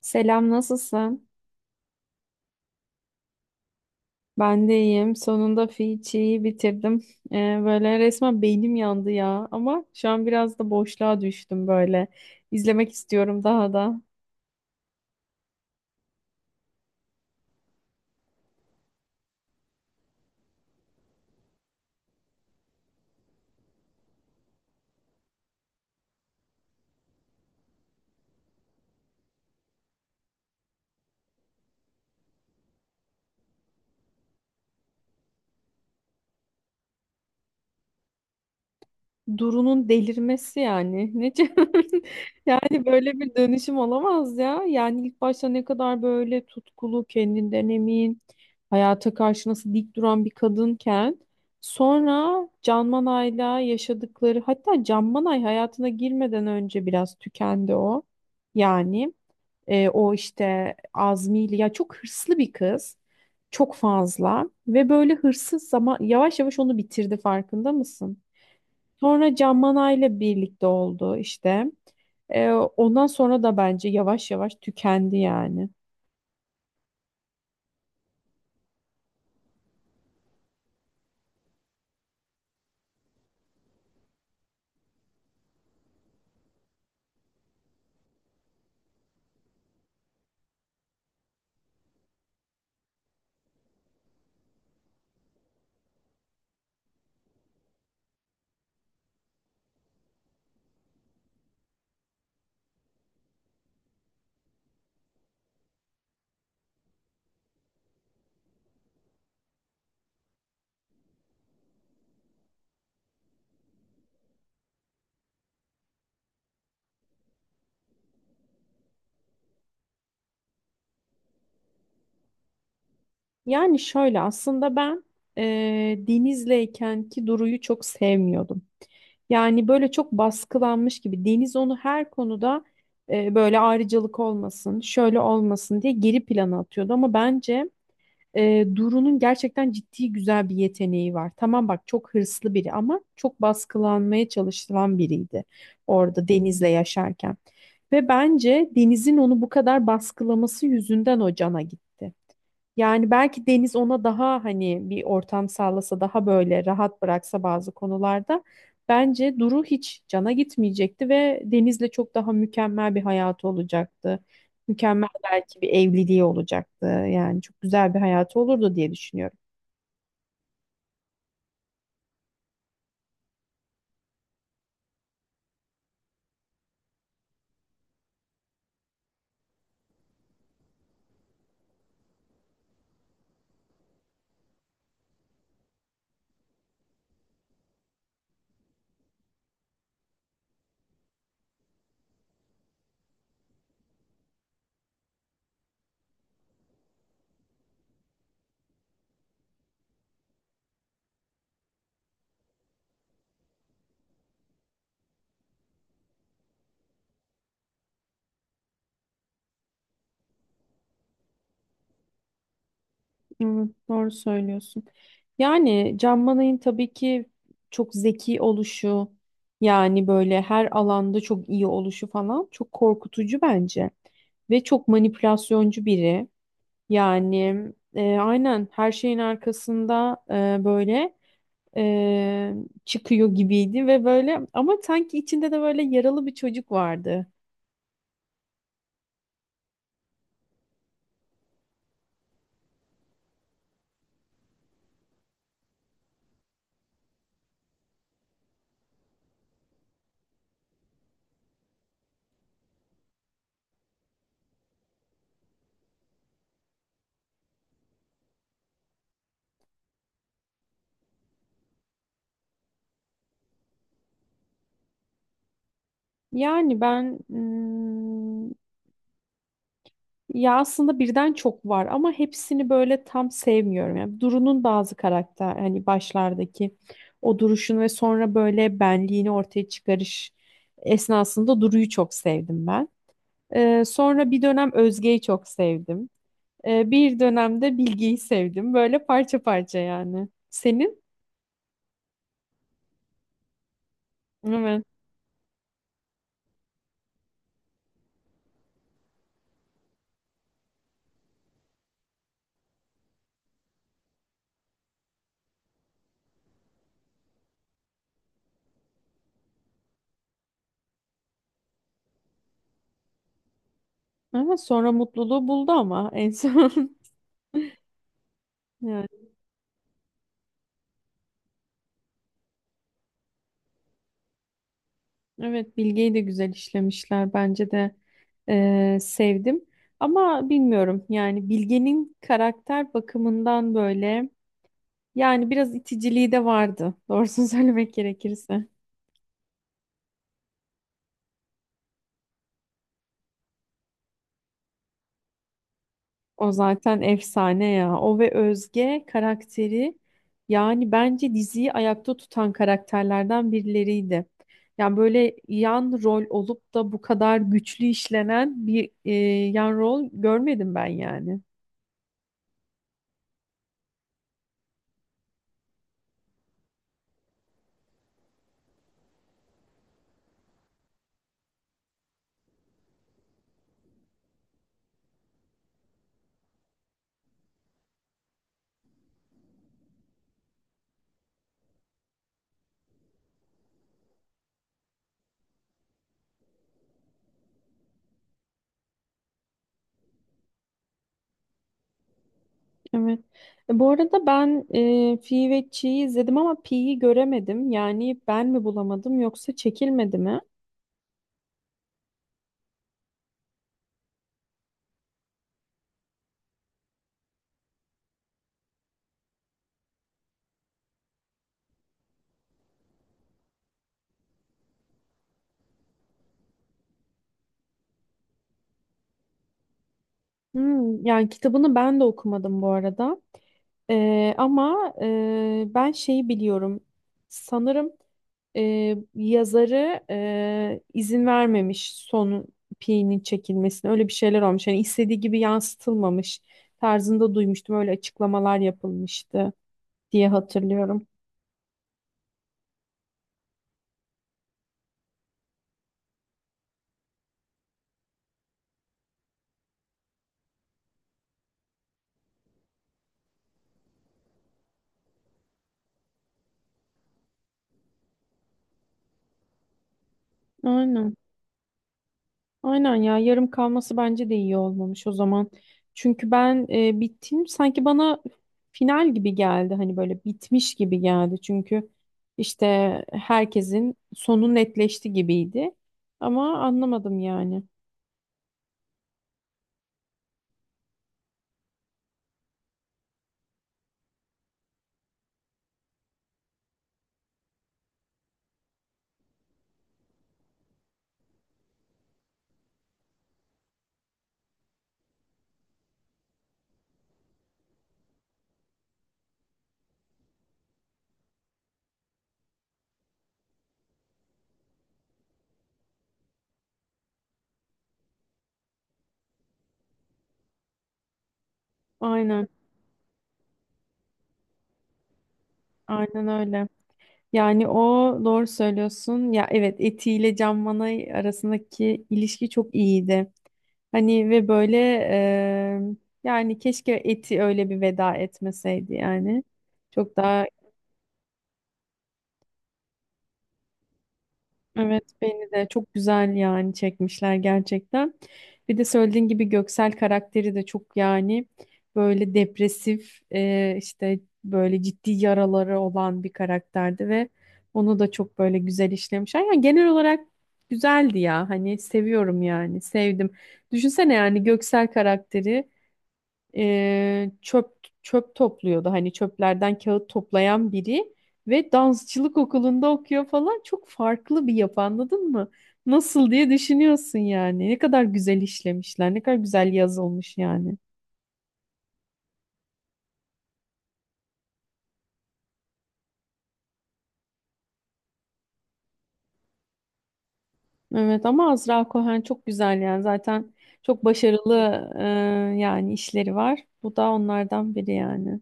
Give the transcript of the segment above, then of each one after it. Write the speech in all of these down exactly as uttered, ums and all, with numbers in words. Selam, nasılsın? Ben de iyiyim. Sonunda Fiçi'yi bitirdim. Ee, Böyle resmen beynim yandı ya. Ama şu an biraz da boşluğa düştüm böyle. İzlemek istiyorum daha da. Duru'nun delirmesi yani. Ne ce- yani böyle bir dönüşüm olamaz ya. Yani ilk başta ne kadar böyle tutkulu, kendinden emin, hayata karşı nasıl dik duran bir kadınken sonra Can Manay'la yaşadıkları hatta Can Manay hayatına girmeden önce biraz tükendi o. Yani e, O işte Azmi'yle ya çok hırslı bir kız. Çok fazla ve böyle hırsız zaman yavaş yavaş onu bitirdi farkında mısın? Sonra Can Manay'la birlikte oldu işte. Ee, ondan sonra da bence yavaş yavaş tükendi yani. Yani şöyle aslında ben e, Deniz'leyken ki Duru'yu çok sevmiyordum. Yani böyle çok baskılanmış gibi Deniz onu her konuda e, böyle ayrıcalık olmasın, şöyle olmasın diye geri plana atıyordu. Ama bence e, Duru'nun gerçekten ciddi güzel bir yeteneği var. Tamam bak çok hırslı biri ama çok baskılanmaya çalışılan biriydi orada Deniz'le yaşarken. Ve bence Deniz'in onu bu kadar baskılaması yüzünden o cana gitti. Yani belki Deniz ona daha hani bir ortam sağlasa daha böyle rahat bıraksa bazı konularda bence Duru hiç cana gitmeyecekti ve Deniz'le çok daha mükemmel bir hayatı olacaktı. Mükemmel belki bir evliliği olacaktı. Yani çok güzel bir hayatı olurdu diye düşünüyorum. Evet, doğru söylüyorsun. Yani Can Manay'ın tabii ki çok zeki oluşu yani böyle her alanda çok iyi oluşu falan çok korkutucu bence ve çok manipülasyoncu biri. Yani e, aynen her şeyin arkasında e, böyle e, çıkıyor gibiydi ve böyle ama sanki içinde de böyle yaralı bir çocuk vardı. Yani ben mm, ya aslında birden çok var ama hepsini böyle tam sevmiyorum. Yani Duru'nun bazı karakter hani başlardaki o duruşunu ve sonra böyle benliğini ortaya çıkarış esnasında Duru'yu çok sevdim ben. E, sonra bir dönem Özge'yi çok sevdim. Ee, bir dönemde Bilge'yi sevdim. Böyle parça parça yani. Senin? Evet. Evet sonra mutluluğu buldu ama en son. Yani, evet Bilge'yi de güzel işlemişler. Bence de e, sevdim. Ama bilmiyorum yani Bilge'nin karakter bakımından böyle yani biraz iticiliği de vardı. Doğrusunu söylemek gerekirse. O zaten efsane ya. O ve Özge karakteri yani bence diziyi ayakta tutan karakterlerden birileriydi. Yani böyle yan rol olup da bu kadar güçlü işlenen bir e, yan rol görmedim ben yani. Evet. E, bu arada ben e, Fi ve Chi'yi izledim ama Pi'yi göremedim. Yani ben mi bulamadım yoksa çekilmedi mi? Hmm, yani kitabını ben de okumadım bu arada. Ee, ama e, ben şeyi biliyorum. Sanırım e, yazarı e, izin vermemiş son Pi'nin çekilmesine. Öyle bir şeyler olmuş. Yani istediği gibi yansıtılmamış tarzında duymuştum. Öyle açıklamalar yapılmıştı diye hatırlıyorum. Aynen. Aynen ya yarım kalması bence de iyi olmamış o zaman. Çünkü ben e, bittim sanki bana final gibi geldi hani böyle bitmiş gibi geldi. Çünkü işte herkesin sonu netleşti gibiydi. Ama anlamadım yani. Aynen aynen öyle. Yani o doğru söylüyorsun. Ya evet Eti ile Can Manay arasındaki ilişki çok iyiydi. Hani ve böyle eee, yani keşke Eti öyle bir veda etmeseydi yani. Çok daha evet beni de çok güzel yani çekmişler gerçekten. Bir de söylediğin gibi Göksel karakteri de çok yani böyle depresif e, işte böyle ciddi yaraları olan bir karakterdi ve onu da çok böyle güzel işlemişler. Yani genel olarak güzeldi ya hani seviyorum yani sevdim. Düşünsene yani Göksel karakteri e, çöp çöp topluyordu. Hani çöplerden kağıt toplayan biri ve dansçılık okulunda okuyor falan. Çok farklı bir yapı anladın mı? Nasıl diye düşünüyorsun yani. Ne kadar güzel işlemişler, ne kadar güzel yazılmış yani. Evet ama Azra Cohen çok güzel yani. Zaten çok başarılı e, yani işleri var. Bu da onlardan biri yani.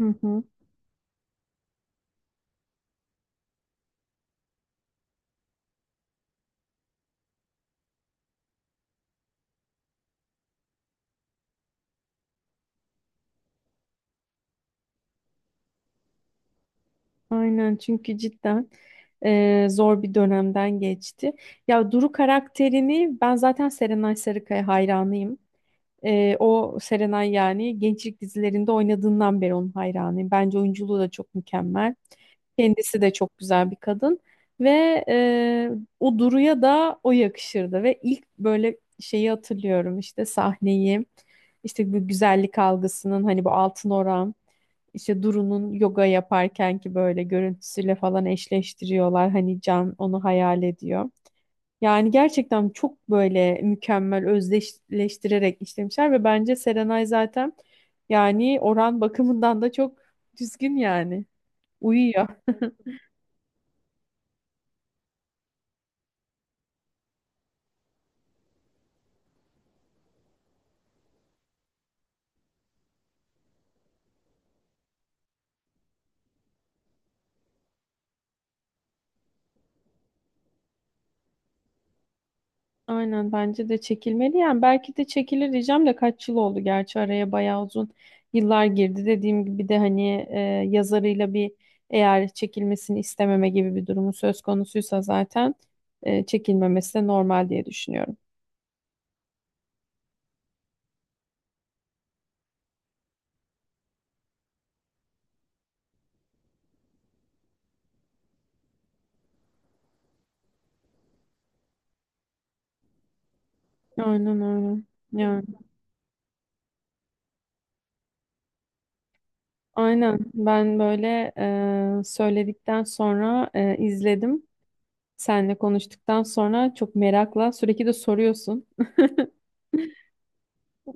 Hı hı. Aynen çünkü cidden e, zor bir dönemden geçti. Ya Duru karakterini ben zaten Serenay Sarıkaya hayranıyım. Ee, o Serenay yani gençlik dizilerinde oynadığından beri onun hayranıyım. Bence oyunculuğu da çok mükemmel. Kendisi de çok güzel bir kadın. Ve e, O Duru'ya da o yakışırdı. Ve ilk böyle şeyi hatırlıyorum işte sahneyi, işte bu güzellik algısının hani bu altın oran, işte Duru'nun yoga yaparken ki böyle görüntüsüyle falan eşleştiriyorlar. Hani Can onu hayal ediyor. Yani gerçekten çok böyle mükemmel özdeşleştirerek işlemişler ve bence Serenay zaten yani oran bakımından da çok düzgün yani. Uyuyor. Aynen bence de çekilmeli yani. Belki de çekilir diyeceğim de kaç yıl oldu gerçi araya bayağı uzun yıllar girdi. Dediğim gibi de hani e, yazarıyla bir eğer çekilmesini istememe gibi bir durumu söz konusuysa zaten e, çekilmemesi de normal diye düşünüyorum. Aynen öyle. Aynen. Ben böyle e, söyledikten sonra e, izledim. Seninle konuştuktan sonra çok merakla sürekli de soruyorsun.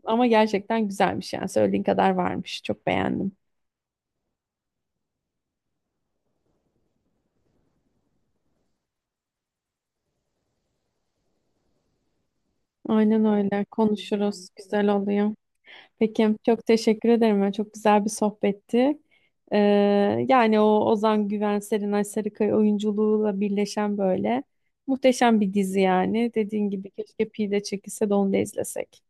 Ama gerçekten güzelmiş yani söylediğin kadar varmış. Çok beğendim. Aynen öyle. Konuşuruz. Güzel oluyor. Peki. Çok teşekkür ederim. Yani çok güzel bir sohbetti. E, Yani o Ozan Güven, Serenay Sarıkaya oyunculuğuyla birleşen böyle muhteşem bir dizi yani. Dediğin gibi keşke Pide çekilse de onu da izlesek.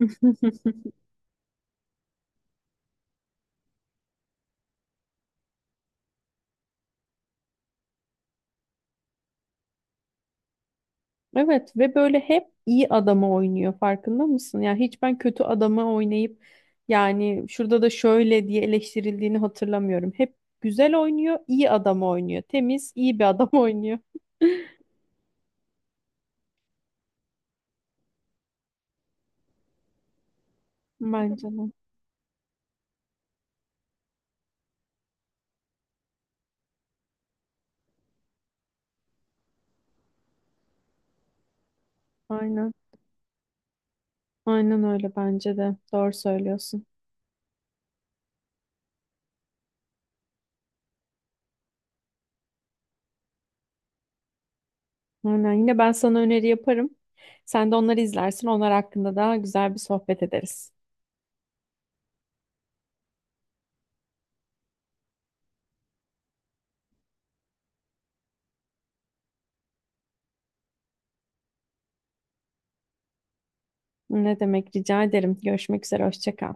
Evet ve böyle hep iyi adamı oynuyor farkında mısın? Yani hiç ben kötü adamı oynayıp yani şurada da şöyle diye eleştirildiğini hatırlamıyorum. Hep güzel oynuyor, iyi adamı oynuyor. Temiz, iyi bir adam oynuyor. Bence de. Aynen. Aynen öyle bence de. Doğru söylüyorsun. Aynen. Yine ben sana öneri yaparım. Sen de onları izlersin. Onlar hakkında daha güzel bir sohbet ederiz. Ne demek rica ederim. Görüşmek üzere. Hoşça kal.